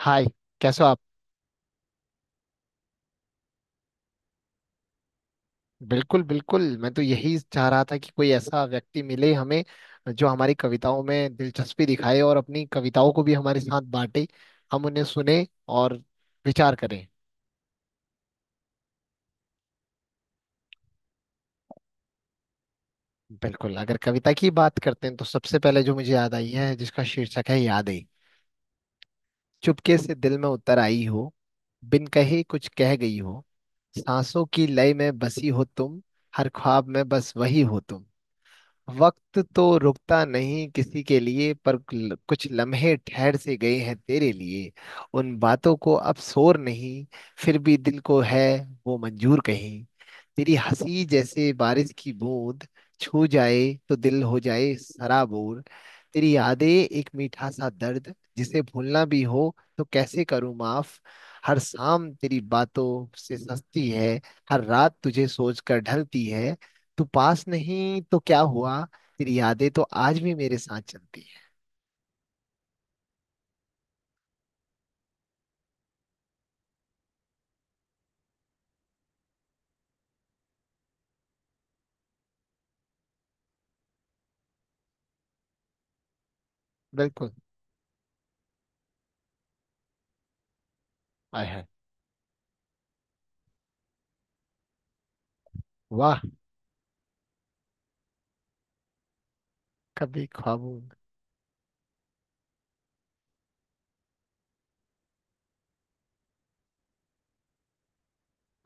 हाय। कैसे हो आप। बिल्कुल बिल्कुल, मैं तो यही चाह रहा था कि कोई ऐसा व्यक्ति मिले हमें जो हमारी कविताओं में दिलचस्पी दिखाए और अपनी कविताओं को भी हमारे साथ बांटे। हम उन्हें सुने और विचार करें। बिल्कुल, अगर कविता की बात करते हैं तो सबसे पहले जो मुझे याद आई है जिसका शीर्षक है यादें। चुपके से दिल में उतर आई हो, बिन कहे कुछ कह गई हो। सांसों की लय में बसी हो तुम, हर ख्वाब में बस वही हो तुम। वक्त तो रुकता नहीं किसी के लिए, पर कुछ लम्हे ठहर से गए हैं तेरे लिए। उन बातों को अब शोर नहीं, फिर भी दिल को है वो मंजूर कहीं। तेरी हंसी जैसे बारिश की बूंद, छू जाए तो दिल हो जाए सराबोर। तेरी यादें एक मीठा सा दर्द, जिसे भूलना भी हो तो कैसे करूं माफ। हर शाम तेरी बातों से सस्ती है, हर रात तुझे सोच कर ढलती है। तू पास नहीं तो क्या हुआ, तेरी यादें तो आज भी मेरे साथ चलती है। बिल्कुल। आय हाय। वाह। कभी ख्वाबों में।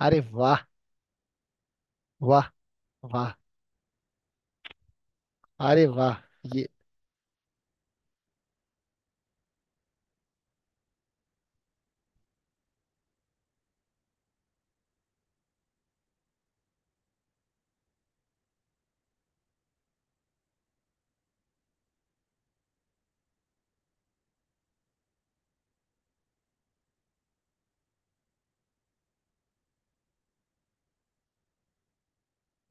अरे वाह। वाह। वाह अरे वाह। ये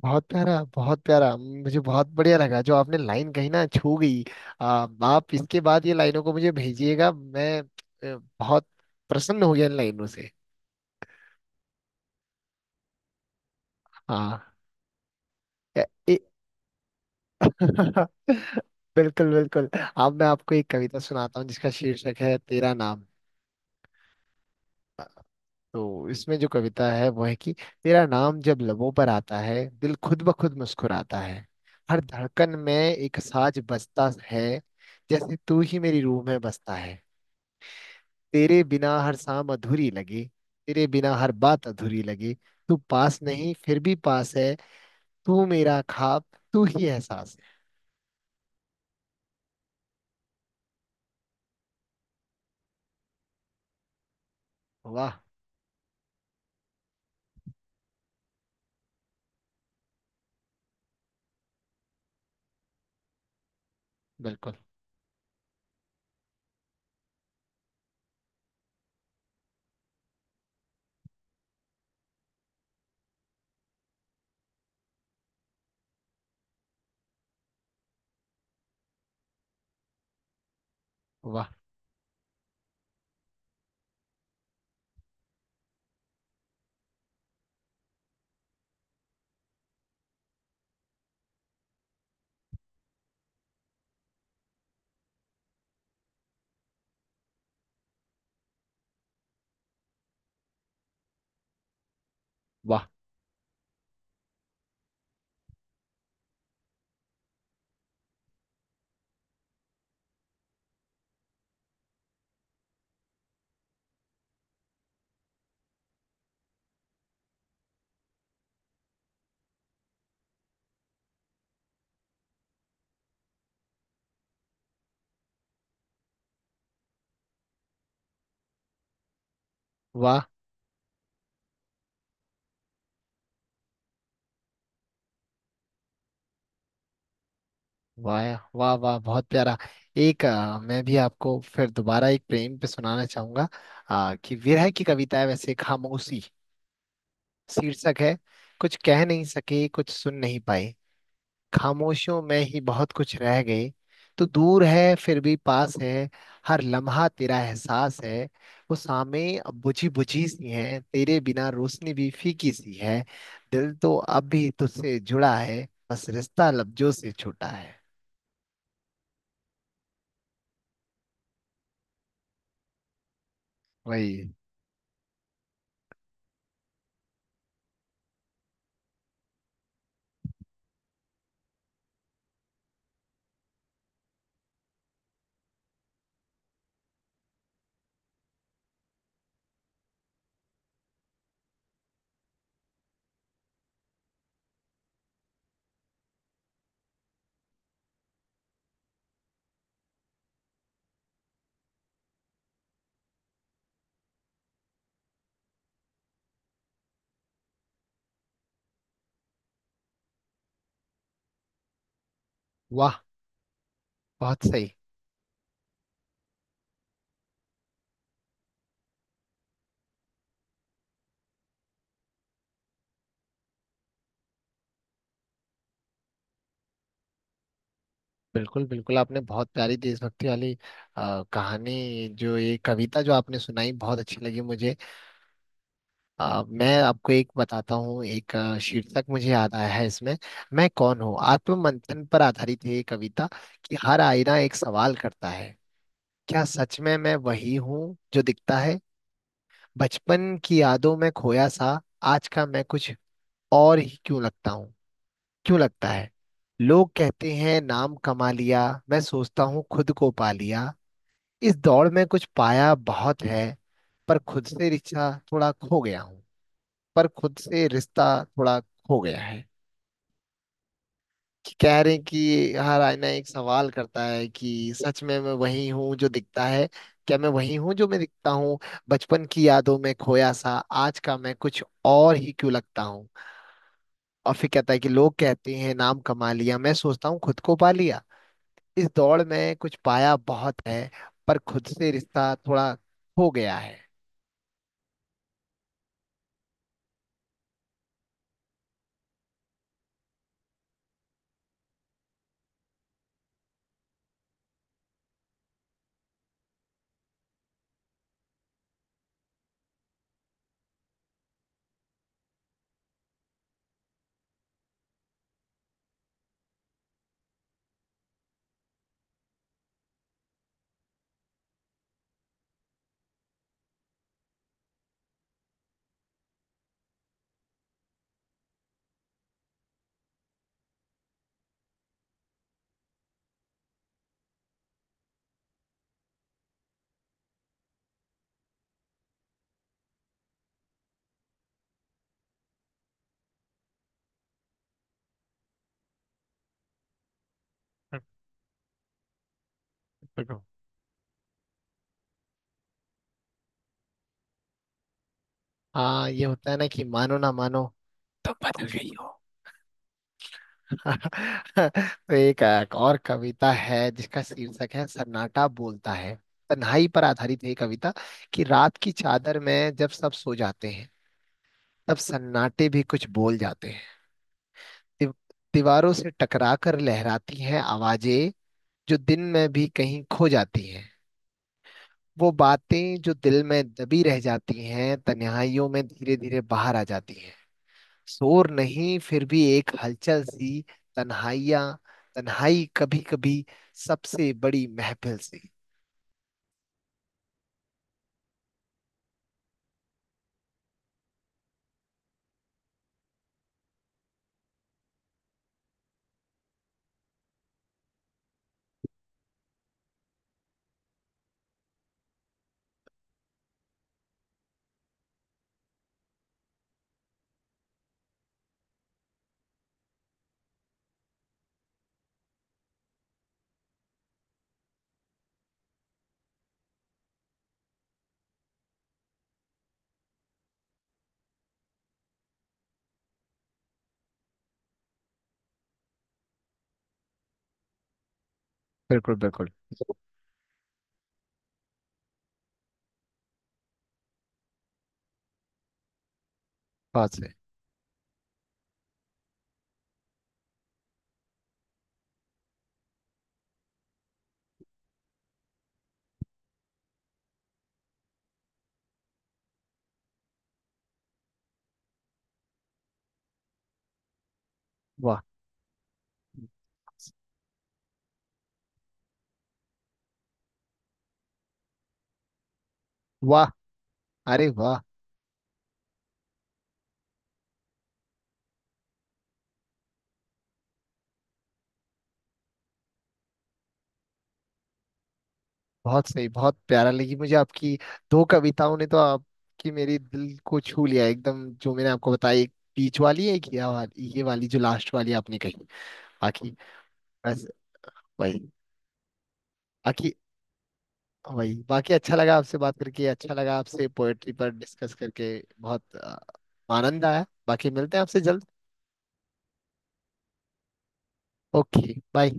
बहुत प्यारा, बहुत प्यारा, मुझे बहुत बढ़िया लगा जो आपने लाइन कही, ना छू गई। आ, आप इसके बाद ये लाइनों को मुझे भेजिएगा। मैं बहुत प्रसन्न हो गया इन लाइनों से। हाँ। ए, ए, बिल्कुल बिल्कुल। अब मैं आपको एक कविता सुनाता हूँ जिसका शीर्षक है तेरा नाम। तो इसमें जो कविता है वो है कि तेरा नाम जब लबों पर आता है, दिल खुद ब खुद मुस्कुराता है। हर धड़कन में एक साज बजता है, जैसे तू ही मेरी रूह में बसता है। तेरे बिना हर शाम अधूरी लगी, तेरे बिना हर बात अधूरी लगी। तू पास नहीं फिर भी पास है। तू मेरा ख्वाब, तू ही एहसास है। वाह। बिल्कुल। वाह वाह वाह। वाह वाह वाह। बहुत प्यारा। एक मैं भी आपको फिर दोबारा एक प्रेम पे सुनाना चाहूंगा। कि विरह की कविता है वैसे। खामोशी शीर्षक है। कुछ कह नहीं सके, कुछ सुन नहीं पाए, खामोशियों में ही बहुत कुछ रह गई। तो दूर है फिर भी पास है, हर लम्हा तेरा एहसास है। वो सामे अब बुझी बुझी सी है, तेरे बिना रोशनी भी फीकी सी है। दिल तो अब भी तुझसे जुड़ा है, बस रिश्ता लफ्जों से छूटा है। वही। वाह। बहुत सही। बिल्कुल बिल्कुल, आपने बहुत प्यारी देशभक्ति वाली कहानी, जो ये कविता जो आपने सुनाई, बहुत अच्छी लगी मुझे। मैं आपको एक बताता हूँ। एक शीर्षक मुझे याद आया है इसमें, मैं कौन हूँ। आत्ममंथन पर आधारित है ये कविता। कि हर आईना एक सवाल करता है, क्या सच में मैं वही हूँ जो दिखता है। बचपन की यादों में खोया सा, आज का मैं कुछ और ही क्यों लगता हूँ। क्यों लगता है लोग कहते हैं नाम कमा लिया, मैं सोचता हूँ खुद को पा लिया। इस दौड़ में कुछ पाया बहुत है, पर खुद से रिश्ता थोड़ा खो गया हूँ। पर खुद से रिश्ता थोड़ा खो गया है। कि कह रहे हैं कि हर आईना एक सवाल करता है कि सच में मैं वही हूँ जो दिखता है। क्या मैं वही हूँ जो मैं दिखता हूँ। बचपन की यादों में खोया सा, आज का मैं कुछ और ही क्यों लगता हूँ। और फिर कहता है कि लोग कहते हैं नाम कमा लिया, मैं सोचता हूँ खुद को पा लिया। इस दौड़ में कुछ पाया बहुत है, पर खुद से रिश्ता थोड़ा खो गया है। देखो। हाँ, ये होता है ना, कि मानो ना मानो, तुम बदल गई हो। तो एक और कविता है जिसका शीर्षक है सन्नाटा बोलता है। तन्हाई पर आधारित है ये कविता। कि रात की चादर में जब सब सो जाते हैं, तब सन्नाटे भी कुछ बोल जाते हैं। दीव- दीवारों से टकरा कर लहराती हैं आवाजें, जो दिन में भी कहीं खो जाती हैं। वो बातें जो दिल में दबी रह जाती हैं, तन्हाइयों में धीरे धीरे बाहर आ जाती हैं। शोर नहीं, फिर भी एक हलचल सी। तन्हाइयाँ, तन्हाई कभी कभी सबसे बड़ी महफिल सी। बिल्कुल बिल्कुल। बात से। वाह वाह। अरे वाह। बहुत सही, बहुत प्यारा लगी मुझे आपकी। दो कविताओं ने तो आपकी मेरी दिल को छू लिया एकदम, जो मैंने आपको बताई एक बीच वाली है कि, ये वाली, ये वाली जो लास्ट वाली आपने कही। बाकी बस। वही। बाकी वही। बाकी अच्छा लगा आपसे बात करके, अच्छा लगा आपसे पोएट्री पर डिस्कस करके। बहुत आनंद आया। बाकी मिलते हैं आपसे जल्द। Okay bye.